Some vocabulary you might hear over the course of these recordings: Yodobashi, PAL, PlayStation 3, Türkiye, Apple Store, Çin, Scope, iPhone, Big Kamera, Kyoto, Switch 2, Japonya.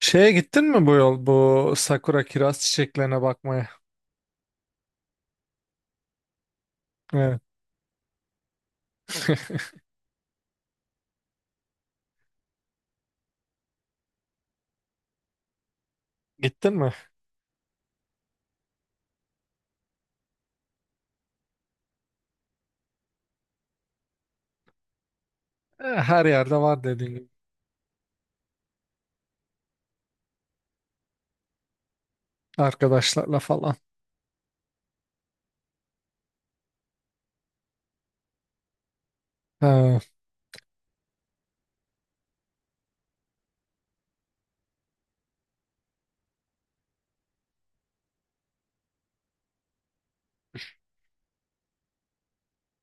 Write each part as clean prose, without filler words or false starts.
Şeye gittin mi bu yol bu sakura kiraz çiçeklerine bakmaya? Evet. Gittin mi? Her yerde var dediğin gibi arkadaşlarla falan. Ha.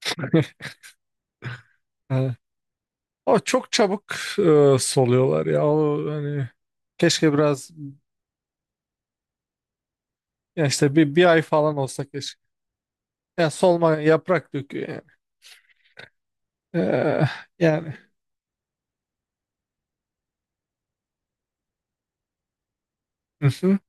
Ha. O çok çabuk soluyorlar ya. O hani keşke biraz ya işte bir ay falan olsa keşke. Ya solma yaprak döküyor yani. E, Yani. Hı hı.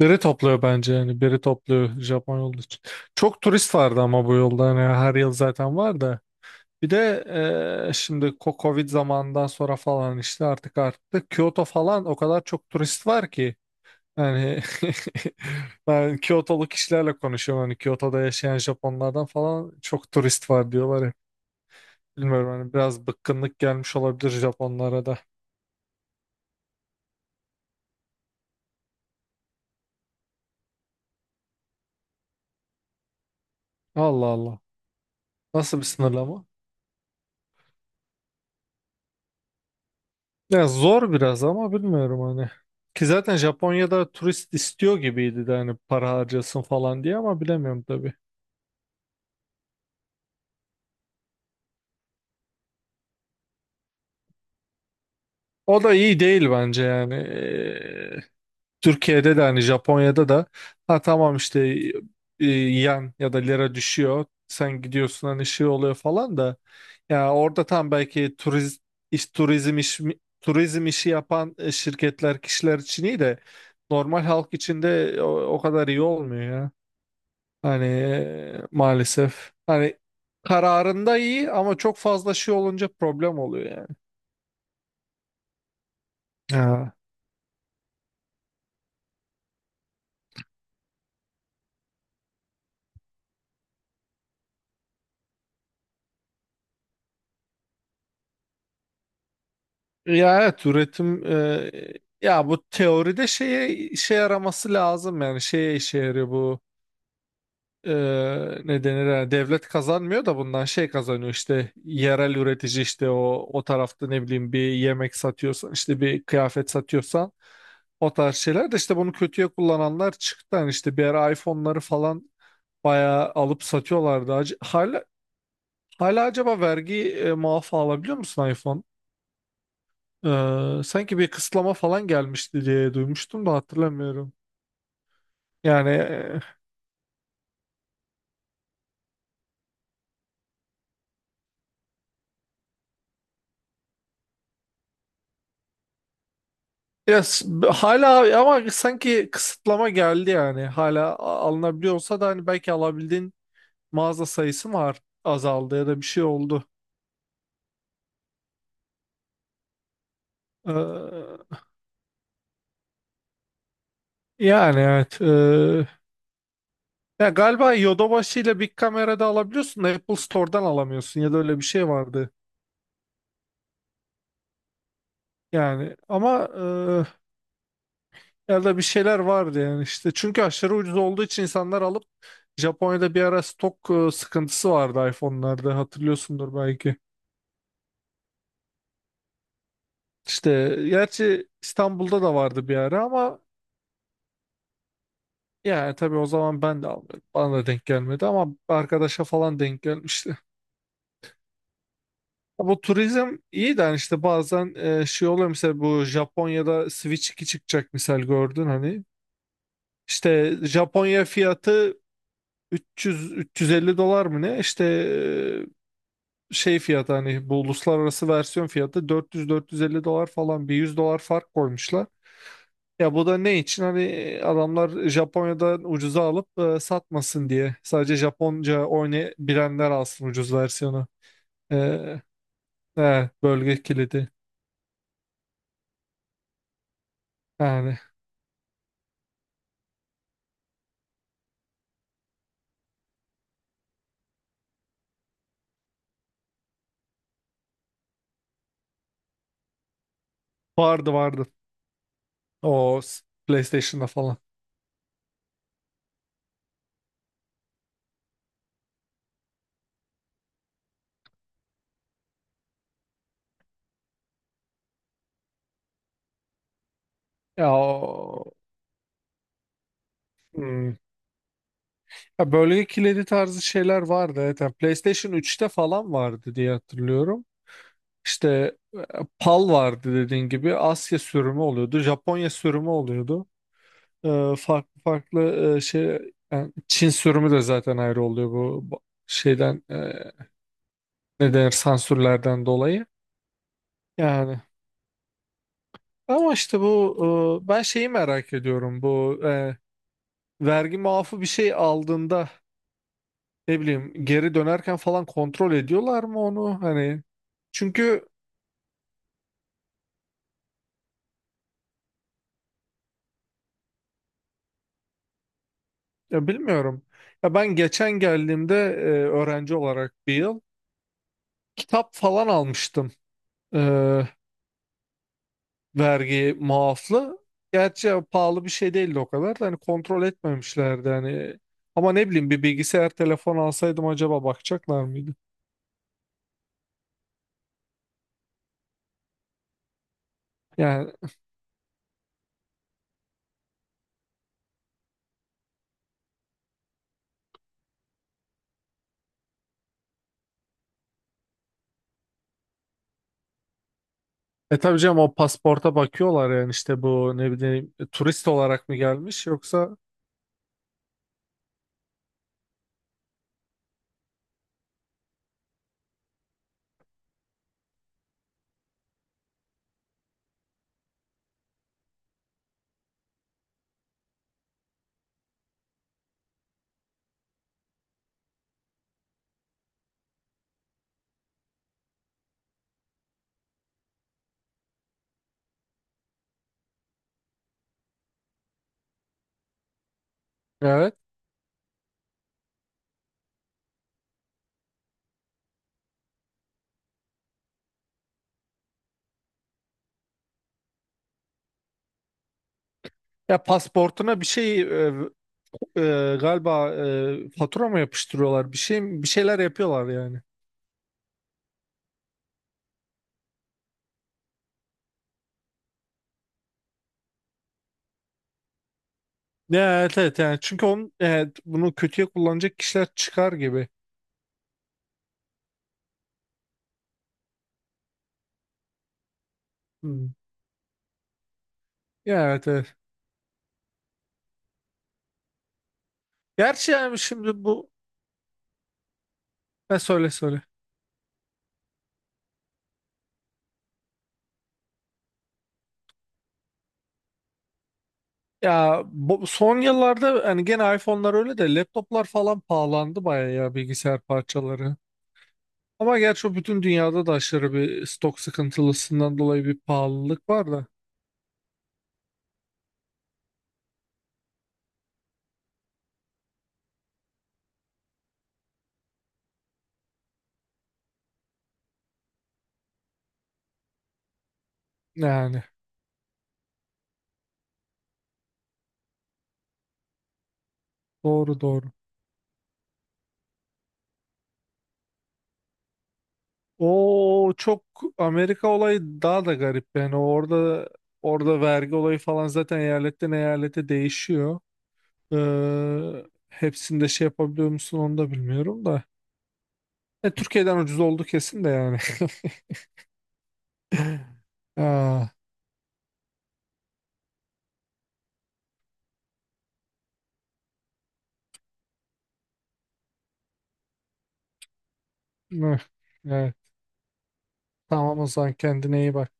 Biri topluyor bence yani biri topluyor Japon yolu için. Çok turist vardı ama bu yolda hani her yıl zaten var da. Bir de şimdi Covid zamanından sonra falan işte artık arttı. Kyoto falan o kadar çok turist var ki. Yani ben Kyotolu kişilerle konuşuyorum. Hani Kyoto'da yaşayan Japonlardan falan çok turist var diyorlar hep. Bilmiyorum hani biraz bıkkınlık gelmiş olabilir Japonlara da. Allah Allah. Nasıl bir sınırlama? Ya zor biraz ama bilmiyorum hani. Ki zaten Japonya'da turist istiyor gibiydi de hani para harcasın falan diye ama bilemiyorum tabii. O da iyi değil bence yani. Türkiye'de de hani Japonya'da da ha tamam işte yen ya da lira düşüyor. Sen gidiyorsun hani şey oluyor falan da. Ya orada tam belki iş, turizm iş, turizm işi yapan şirketler kişiler için iyi de normal halk için de o kadar iyi olmuyor ya. Hani maalesef. Hani kararında iyi ama çok fazla şey olunca problem oluyor yani. Ha. Ya evet üretim ya bu teoride şeye işe yaraması lazım yani şeye işe yarıyor bu e, ne denir yani devlet kazanmıyor da bundan şey kazanıyor işte yerel üretici işte o tarafta ne bileyim bir yemek satıyorsan işte bir kıyafet satıyorsan o tarz şeyler de işte bunu kötüye kullananlar çıktı yani işte bir ara iPhone'ları falan bayağı alıp satıyorlardı hala acaba vergi muafı alabiliyor musun iPhone? Sanki bir kısıtlama falan gelmişti diye duymuştum da hatırlamıyorum. Yani ya, hala ama sanki kısıtlama geldi yani. Hala alınabiliyorsa da hani belki alabildiğin mağaza sayısı mı azaldı ya da bir şey oldu. Ee, yani evet. Ya galiba Yodobashi ile Big Kamera'da alabiliyorsun da Apple Store'dan alamıyorsun ya da öyle bir şey vardı. Yani ama ya da bir şeyler vardı yani işte. Çünkü aşırı ucuz olduğu için insanlar alıp Japonya'da bir ara stok sıkıntısı vardı iPhone'larda hatırlıyorsundur belki. İşte gerçi İstanbul'da da vardı bir ara ama yani tabii o zaman ben de almıyordum. Bana da denk gelmedi ama arkadaşa falan denk gelmişti. Ya bu turizm iyi de hani işte bazen şey oluyor mesela bu Japonya'da Switch 2 çıkacak misal gördün hani. İşte Japonya fiyatı 300-350 dolar mı ne? İşte şey fiyatı hani bu uluslararası versiyon fiyatı 400-450 dolar falan bir 100 dolar fark koymuşlar. Ya bu da ne için? Hani adamlar Japonya'dan ucuza alıp satmasın diye. Sadece Japonca oynayabilenler alsın ucuz versiyonu. E, bölge kilidi. Yani vardı vardı. O PlayStation'da falan. Ya, o, hmm. Ya bölge kilidi tarzı şeyler vardı. Evet, yani PlayStation 3'te falan vardı diye hatırlıyorum. İşte PAL vardı dediğin gibi Asya sürümü oluyordu, Japonya sürümü oluyordu. E, farklı farklı şey yani Çin sürümü de zaten ayrı oluyor bu şeyden ne denir sansürlerden dolayı. Yani ama işte bu ben şeyi merak ediyorum bu vergi muafı bir şey aldığında ne bileyim geri dönerken falan kontrol ediyorlar mı onu hani çünkü ya bilmiyorum. Ya ben geçen geldiğimde öğrenci olarak bir yıl kitap falan almıştım eee, vergi muaflı. Gerçi pahalı bir şey değildi o kadar da hani kontrol etmemişlerdi hani. Ama ne bileyim bir bilgisayar telefon alsaydım acaba bakacaklar mıydı? Yani tabii canım o pasporta bakıyorlar yani işte bu ne bileyim turist olarak mı gelmiş yoksa evet ya pasportuna bir şey e, e, galiba fatura mı yapıştırıyorlar? Bir şey bir şeyler yapıyorlar yani. Ya, evet evet yani çünkü onun evet, bunu kötüye kullanacak kişiler çıkar gibi. Hmm. Ya, evet evet. Gerçi yani şimdi bu ne söyle söyle. Ya bu, son yıllarda hani gene iPhone'lar öyle de laptoplar falan pahalandı bayağı ya bilgisayar parçaları. Ama gerçi o bütün dünyada da aşırı bir stok sıkıntılısından dolayı bir pahalılık var da. Yani doğru doğru. O çok Amerika olayı daha da garip yani orada orada vergi olayı falan zaten eyaletten eyalete değişiyor. Hepsinde şey yapabiliyor musun onu da bilmiyorum da. Türkiye'den ucuz oldu kesin de yani. Aa, eh, evet. Tamam o zaman kendine iyi bak.